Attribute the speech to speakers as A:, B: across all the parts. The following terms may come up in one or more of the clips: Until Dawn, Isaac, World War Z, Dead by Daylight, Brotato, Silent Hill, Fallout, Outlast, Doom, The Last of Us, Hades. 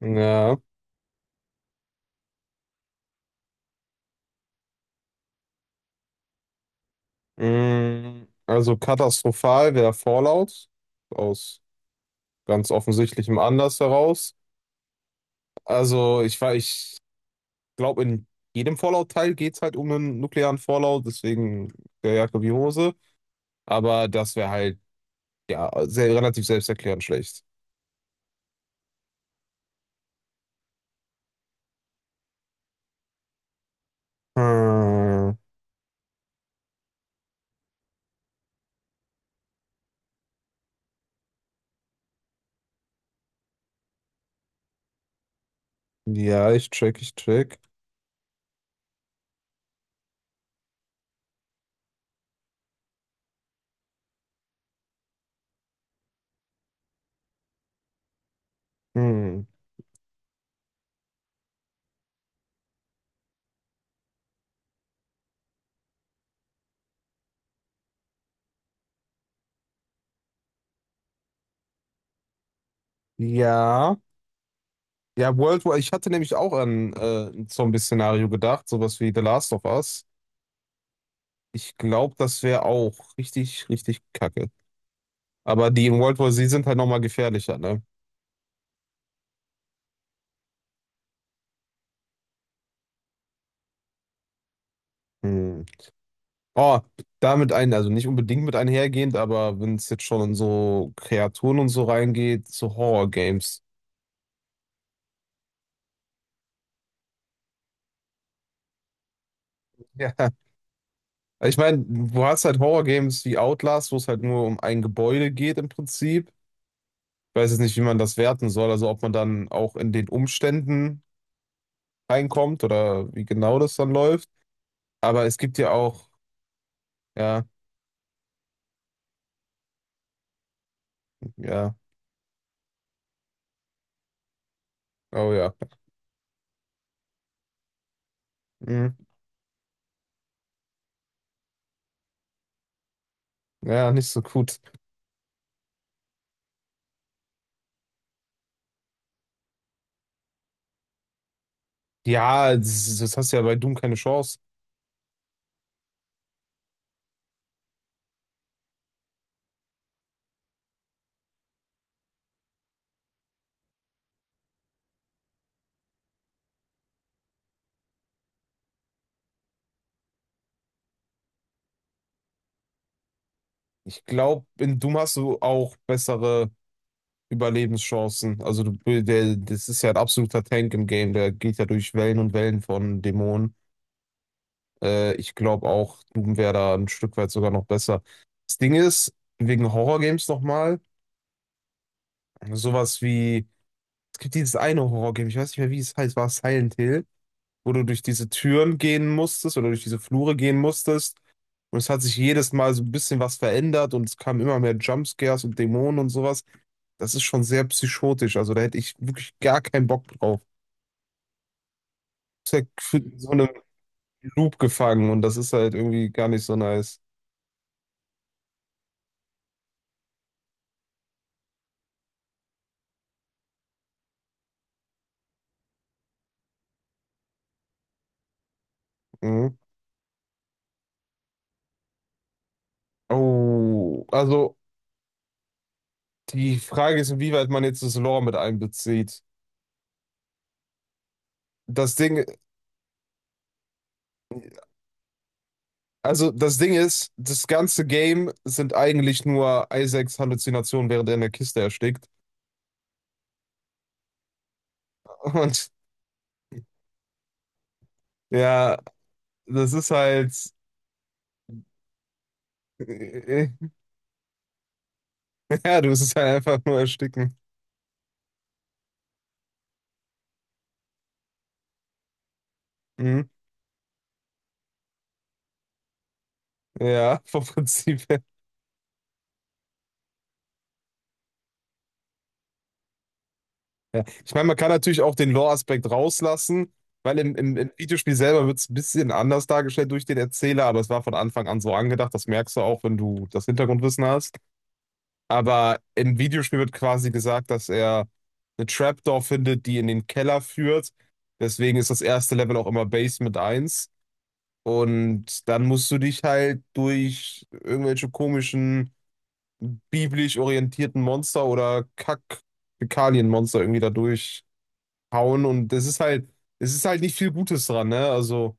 A: Ja, also katastrophal wäre Fallout aus ganz offensichtlichem Anlass heraus. Also ich glaube, in jedem Fallout-Teil geht es halt um einen nuklearen Fallout, deswegen der Jacke wie Hose. Aber das wäre halt ja sehr, relativ selbsterklärend schlecht. Hm. Ja, ich check, ich check. Hm. Ja. Ja, World War, ich hatte nämlich auch an so ein Zombie-Szenario gedacht, sowas wie The Last of Us. Ich glaube, das wäre auch richtig, richtig kacke. Aber die in World War Z sind halt nochmal gefährlicher, ne? Hm. Oh, also nicht unbedingt mit einhergehend, aber wenn es jetzt schon in so Kreaturen und so reingeht, so Horror-Games. Ja. Ich meine, du hast halt Horror-Games wie Outlast, wo es halt nur um ein Gebäude geht im Prinzip. Ich weiß jetzt nicht, wie man das werten soll, also ob man dann auch in den Umständen reinkommt oder wie genau das dann läuft. Aber es gibt ja auch, ja, ja, oh ja. Hm. Ja, nicht so gut. Ja, das hast du ja bei Doom keine Chance. Ich glaube, in Doom hast du auch bessere Überlebenschancen. Also das ist ja ein absoluter Tank im Game, der geht ja durch Wellen und Wellen von Dämonen. Ich glaube auch, Doom wäre da ein Stück weit sogar noch besser. Das Ding ist, wegen Horrorgames nochmal, sowas wie, es gibt dieses eine Horrorgame, ich weiß nicht mehr, wie es heißt, war es Silent Hill? Wo du durch diese Türen gehen musstest oder durch diese Flure gehen musstest. Und es hat sich jedes Mal so ein bisschen was verändert und es kamen immer mehr Jumpscares und Dämonen und sowas. Das ist schon sehr psychotisch. Also da hätte ich wirklich gar keinen Bock drauf. Ist halt in so einem Loop gefangen und das ist halt irgendwie gar nicht so nice. Mhm. Oh, also die Frage ist, inwieweit man jetzt das Lore mit einbezieht. Das Ding, also das Ding ist, das ganze Game sind eigentlich nur Isaacs Halluzinationen, während er in der Kiste erstickt. Und ja, das ist halt, äh, ja, du wirst es halt einfach nur ersticken. Mhm. Ja, vom Prinzip her. Ja. Ich meine, man kann natürlich auch den Lore-Aspekt rauslassen, weil im Videospiel selber wird es ein bisschen anders dargestellt durch den Erzähler, aber es war von Anfang an so angedacht, das merkst du auch, wenn du das Hintergrundwissen hast. Aber im Videospiel wird quasi gesagt, dass er eine Trapdoor findet, die in den Keller führt. Deswegen ist das erste Level auch immer Basement eins. Und dann musst du dich halt durch irgendwelche komischen, biblisch orientierten Monster oder kack Monster irgendwie da durchhauen. Und es ist halt nicht viel Gutes dran, ne? Also,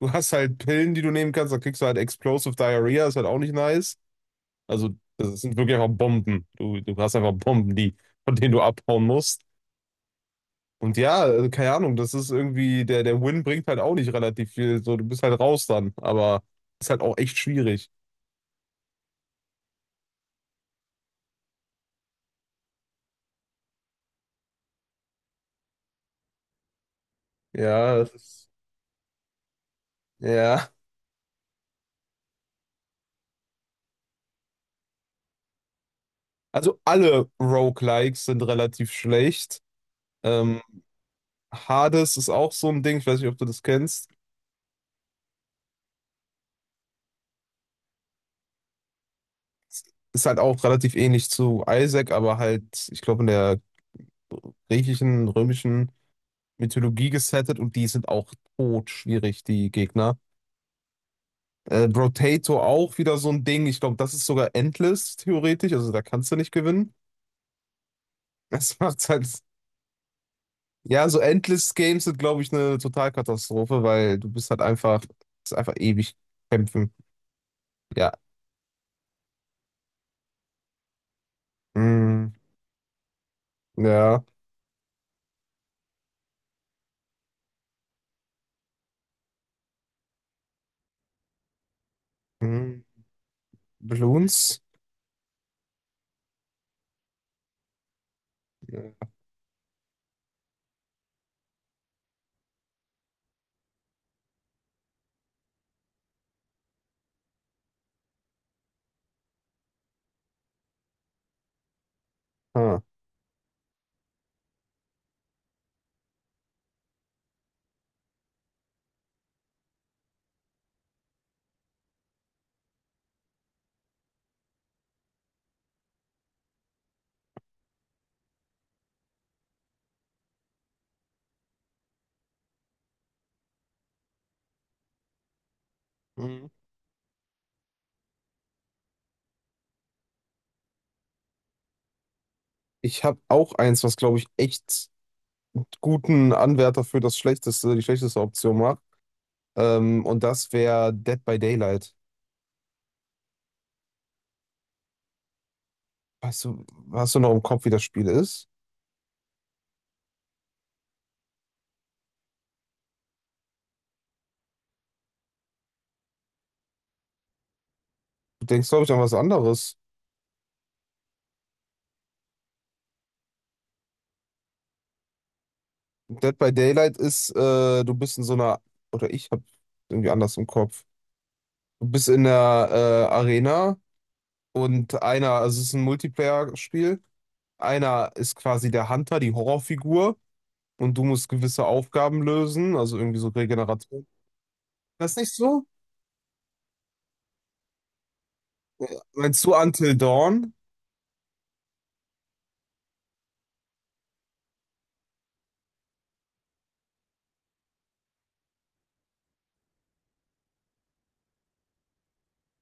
A: du hast halt Pillen, die du nehmen kannst, dann kriegst du halt Explosive Diarrhea, ist halt auch nicht nice. Also, das sind wirklich einfach Bomben. Du hast einfach Bomben, die, von denen du abhauen musst. Und ja, also, keine Ahnung, das ist irgendwie, der Win bringt halt auch nicht relativ viel. So, du bist halt raus dann, aber ist halt auch echt schwierig. Ja, das ist, ja. Also alle Roguelikes sind relativ schlecht. Ähm, Hades ist auch so ein Ding, ich weiß nicht, ob du das kennst. Ist halt auch relativ ähnlich zu Isaac, aber halt, ich glaube, in der griechischen, römischen Mythologie gesettet und die sind auch tot schwierig die Gegner. Brotato auch wieder so ein Ding. Ich glaube, das ist sogar endless, theoretisch. Also da kannst du nicht gewinnen. Das macht halt ja, so Endless Games sind, glaube ich, eine Totalkatastrophe, weil du bist halt einfach, ist einfach ewig kämpfen. Ja. Mm, ja. Mm, Balloons? Ja. Ah. Mm. Ich habe auch eins, was, glaube ich, echt guten Anwärter für das schlechteste, die schlechteste Option macht. Und das wäre Dead by Daylight. Weißt du, hast du noch im Kopf, wie das Spiel ist? Du denkst, glaube ich, an was anderes. Dead by Daylight ist, du bist in so einer, oder ich habe irgendwie anders im Kopf. Du bist in der Arena und also es ist ein Multiplayer-Spiel, einer ist quasi der Hunter, die Horrorfigur und du musst gewisse Aufgaben lösen, also irgendwie so Regeneration. Das ist nicht so? Meinst du Until Dawn?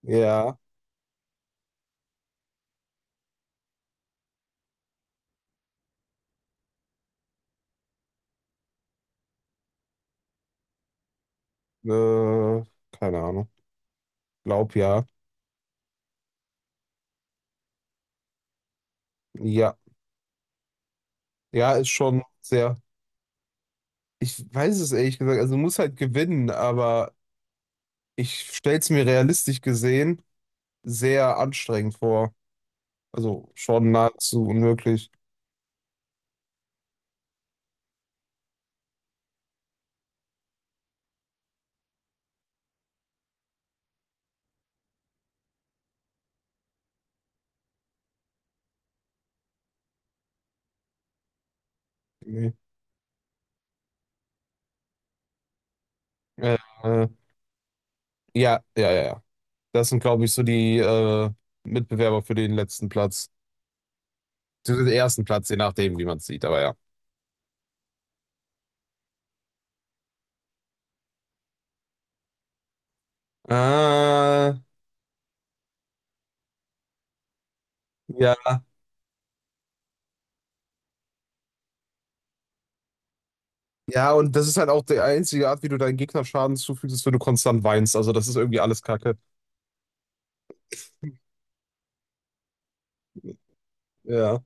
A: Ja, äh, keine Ahnung. Glaub ja. Ja, ja, ist schon sehr. Ich weiß es ehrlich gesagt, also du musst halt gewinnen, aber ich stell's mir realistisch gesehen sehr anstrengend vor. Also schon nahezu unmöglich. Äh, äh, ja, ja, ja, ja. Das sind, glaube ich, so die Mitbewerber für den letzten Platz. Beziehungsweise den ersten Platz, je nachdem, wie man es sieht, aber ja. Äh, ja. Ja, und das ist halt auch die einzige Art, wie du deinen Gegner Schaden zufügst, ist, wenn du konstant weinst. Also, das ist irgendwie alles Kacke. Ja.